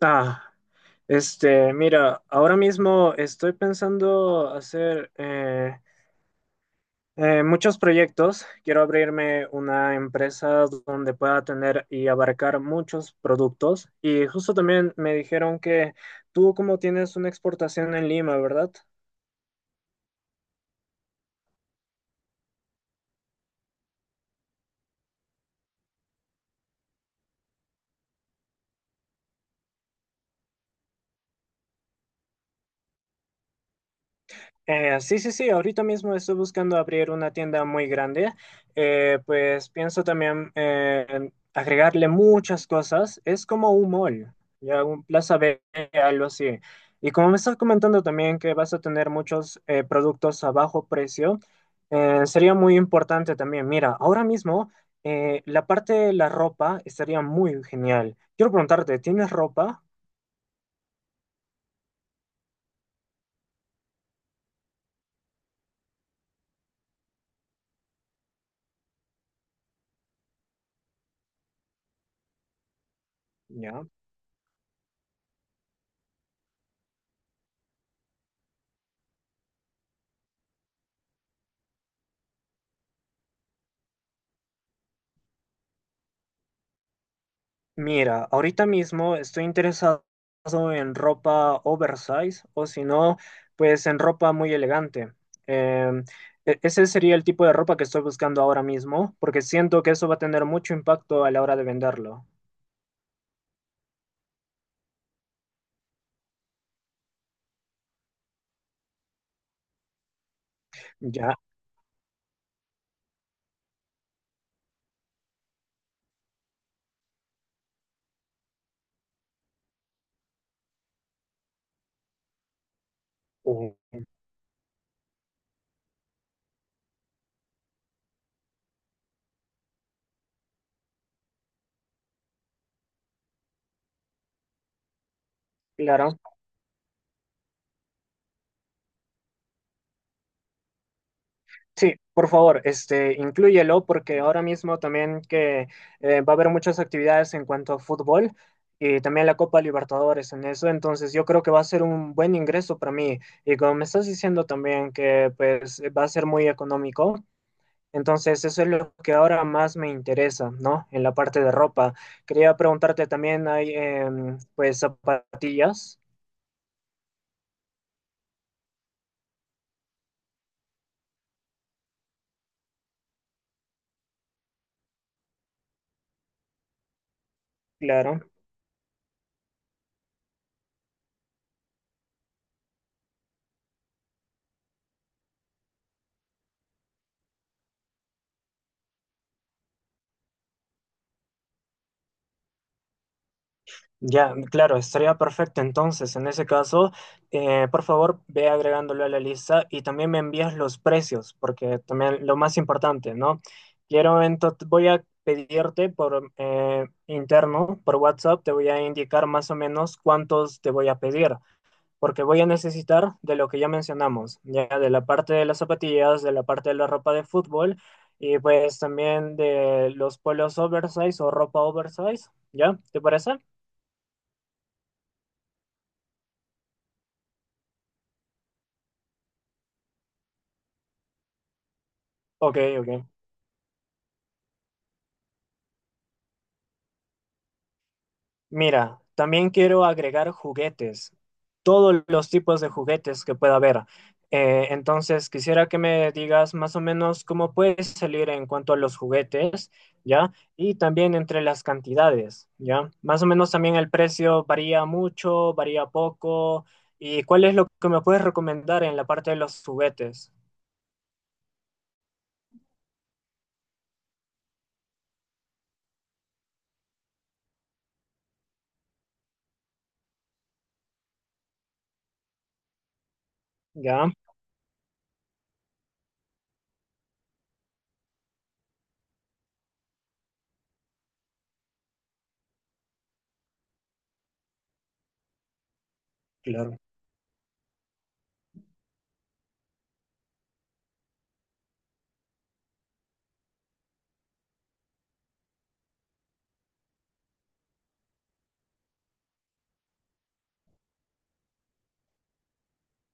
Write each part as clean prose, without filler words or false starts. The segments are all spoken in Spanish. Ah, mira, ahora mismo estoy pensando hacer muchos proyectos. Quiero abrirme una empresa donde pueda tener y abarcar muchos productos. Y justo también me dijeron que tú como tienes una exportación en Lima, ¿verdad? Sí, sí, sí, ahorita mismo estoy buscando abrir una tienda muy grande. Pues pienso también en agregarle muchas cosas. Es como un mall, ya un Plaza B, algo así. Y como me estás comentando también que vas a tener muchos productos a bajo precio, sería muy importante también. Mira, ahora mismo la parte de la ropa estaría muy genial. Quiero preguntarte, ¿tienes ropa? Ya. Mira, ahorita mismo estoy interesado en ropa oversize o si no, pues en ropa muy elegante. Em, Ese sería el tipo de ropa que estoy buscando ahora mismo, porque siento que eso va a tener mucho impacto a la hora de venderlo. Ya, eh, claro. Sí, por favor, este, inclúyelo porque ahora mismo también que va a haber muchas actividades en cuanto a fútbol y también la Copa Libertadores en eso, entonces yo creo que va a ser un buen ingreso para mí y como me estás diciendo también que pues va a ser muy económico, entonces eso es lo que ahora más me interesa, ¿no? En la parte de ropa. Quería preguntarte también, ¿hay pues zapatillas? Claro. Ya, claro, estaría perfecto. Entonces, en ese caso, por favor, ve agregándolo a la lista y también me envías los precios, porque también lo más importante, ¿no? Quiero, entonces, voy a pedirte por interno, por WhatsApp, te voy a indicar más o menos cuántos te voy a pedir, porque voy a necesitar de lo que ya mencionamos, ya de la parte de las zapatillas, de la parte de la ropa de fútbol y pues también de los polos oversize o ropa oversize, ¿ya? ¿Te parece? Ok, ok. Mira, también quiero agregar juguetes, todos los tipos de juguetes que pueda haber. Entonces, quisiera que me digas más o menos cómo puedes salir en cuanto a los juguetes, ¿ya? Y también entre las cantidades, ¿ya? Más o menos también el precio varía mucho, varía poco. ¿Y cuál es lo que me puedes recomendar en la parte de los juguetes? ¿Ya? Claro.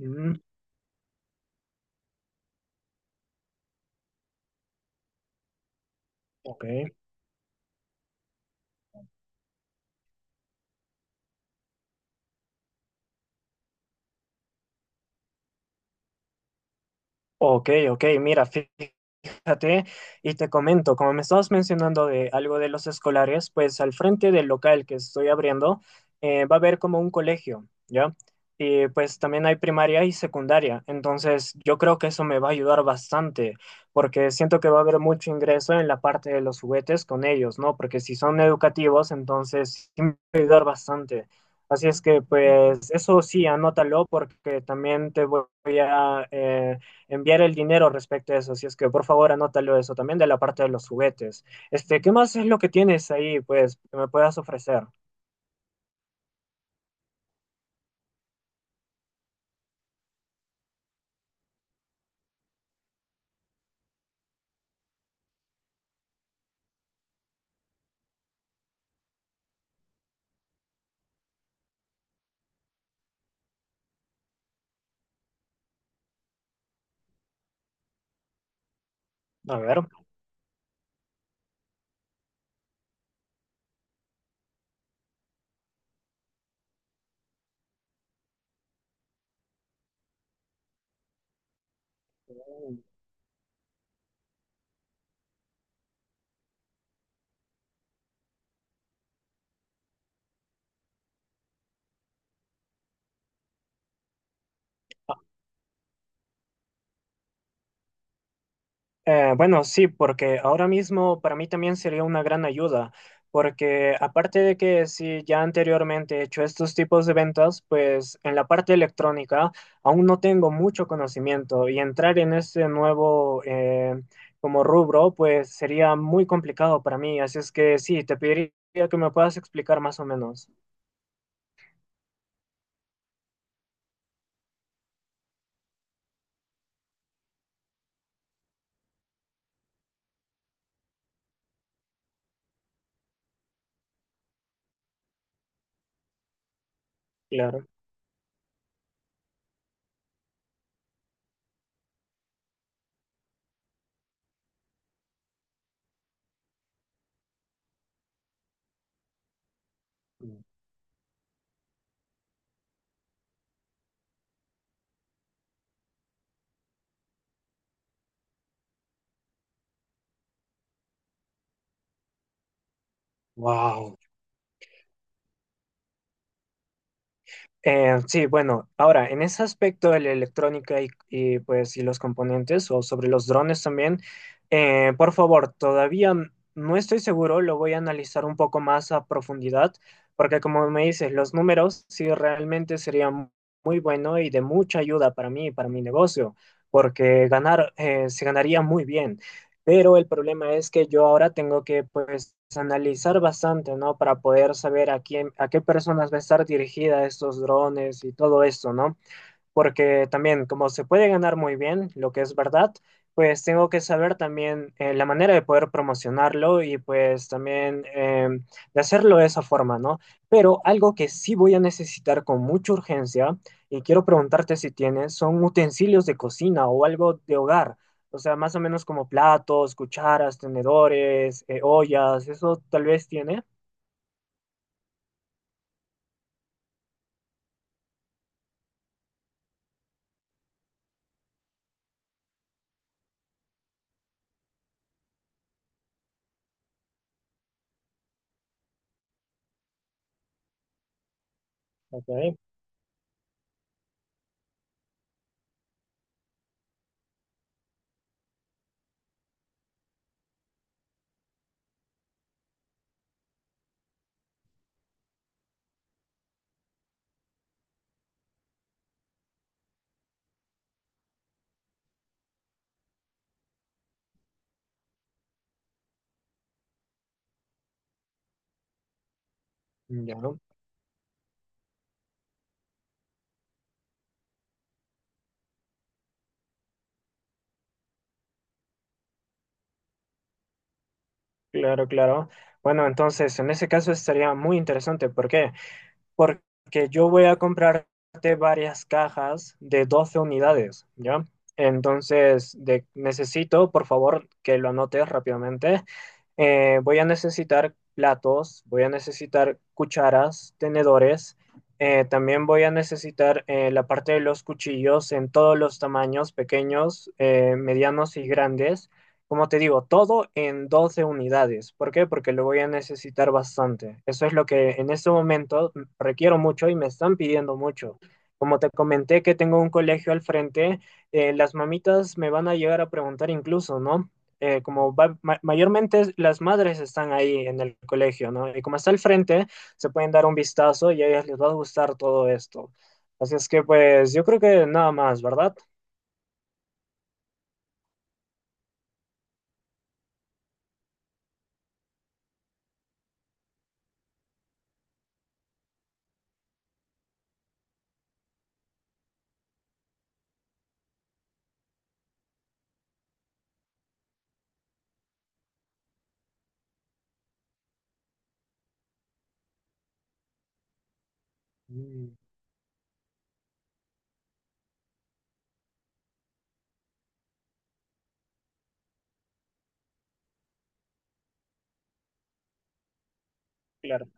Mm, ok. Ok, ok, mira, fíjate. Fíjate, y te comento, como me estabas mencionando de algo de los escolares, pues al frente del local que estoy abriendo va a haber como un colegio, ¿ya? Y pues también hay primaria y secundaria, entonces yo creo que eso me va a ayudar bastante, porque siento que va a haber mucho ingreso en la parte de los juguetes con ellos, ¿no? Porque si son educativos, entonces sí me va a ayudar bastante. Así es que pues eso sí, anótalo porque también te voy a... enviar el dinero respecto a eso. Así es que por favor anótalo eso también de la parte de los juguetes. Este, ¿qué más es lo que tienes ahí, pues, que me puedas ofrecer? A ver. Bueno, sí, porque ahora mismo para mí también sería una gran ayuda, porque aparte de que sí, ya anteriormente he hecho estos tipos de ventas, pues en la parte electrónica aún no tengo mucho conocimiento y entrar en este nuevo como rubro, pues sería muy complicado para mí, así es que sí, te pediría que me puedas explicar más o menos. Claro. Wow. Sí, bueno, ahora en ese aspecto de la electrónica pues y los componentes o sobre los drones también, por favor, todavía no estoy seguro, lo voy a analizar un poco más a profundidad, porque como me dices, los números sí realmente serían muy bueno y de mucha ayuda para mí y para mi negocio, porque ganar se ganaría muy bien. Pero el problema es que yo ahora tengo que pues analizar bastante, ¿no? Para poder saber a quién, a qué personas va a estar dirigida estos drones y todo esto, ¿no? Porque también como se puede ganar muy bien, lo que es verdad, pues tengo que saber también la manera de poder promocionarlo y pues también de hacerlo de esa forma, ¿no? Pero algo que sí voy a necesitar con mucha urgencia y quiero preguntarte si tienes, son utensilios de cocina o algo de hogar. O sea, más o menos como platos, cucharas, tenedores, ollas, eso tal vez tiene. Ok, ya, claro, claro. Bueno, entonces en ese caso estaría muy interesante. ¿Por qué? Porque yo voy a comprarte varias cajas de 12 unidades, ¿ya? Entonces, necesito, por favor, que lo anotes rápidamente. Voy a necesitar platos, voy a necesitar cucharas, tenedores. Eh, también voy a necesitar la parte de los cuchillos en todos los tamaños, pequeños, medianos y grandes. Como te digo, todo en 12 unidades. ¿Por qué? Porque lo voy a necesitar bastante. Eso es lo que en este momento requiero mucho y me están pidiendo mucho. Como te comenté que tengo un colegio al frente, las mamitas me van a llegar a preguntar incluso, ¿no? Como mayormente las madres están ahí en el colegio, ¿no? Y como está al frente, se pueden dar un vistazo y a ellas les va a gustar todo esto. Así es que pues yo creo que nada más, ¿verdad? Mm, claro.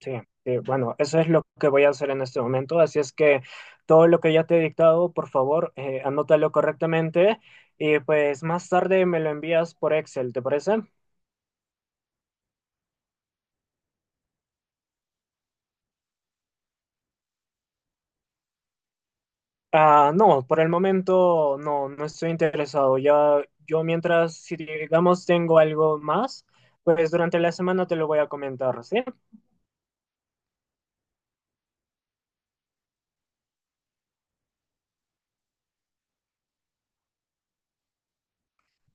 Sí, sí, bueno, eso es lo que voy a hacer en este momento. Así es que todo lo que ya te he dictado, por favor, anótalo correctamente y pues más tarde me lo envías por Excel, ¿te parece? Ah, no, por el momento no, no estoy interesado. Ya, yo mientras, si digamos tengo algo más, pues durante la semana te lo voy a comentar, ¿sí?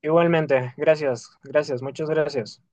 Igualmente, gracias, gracias, muchas gracias.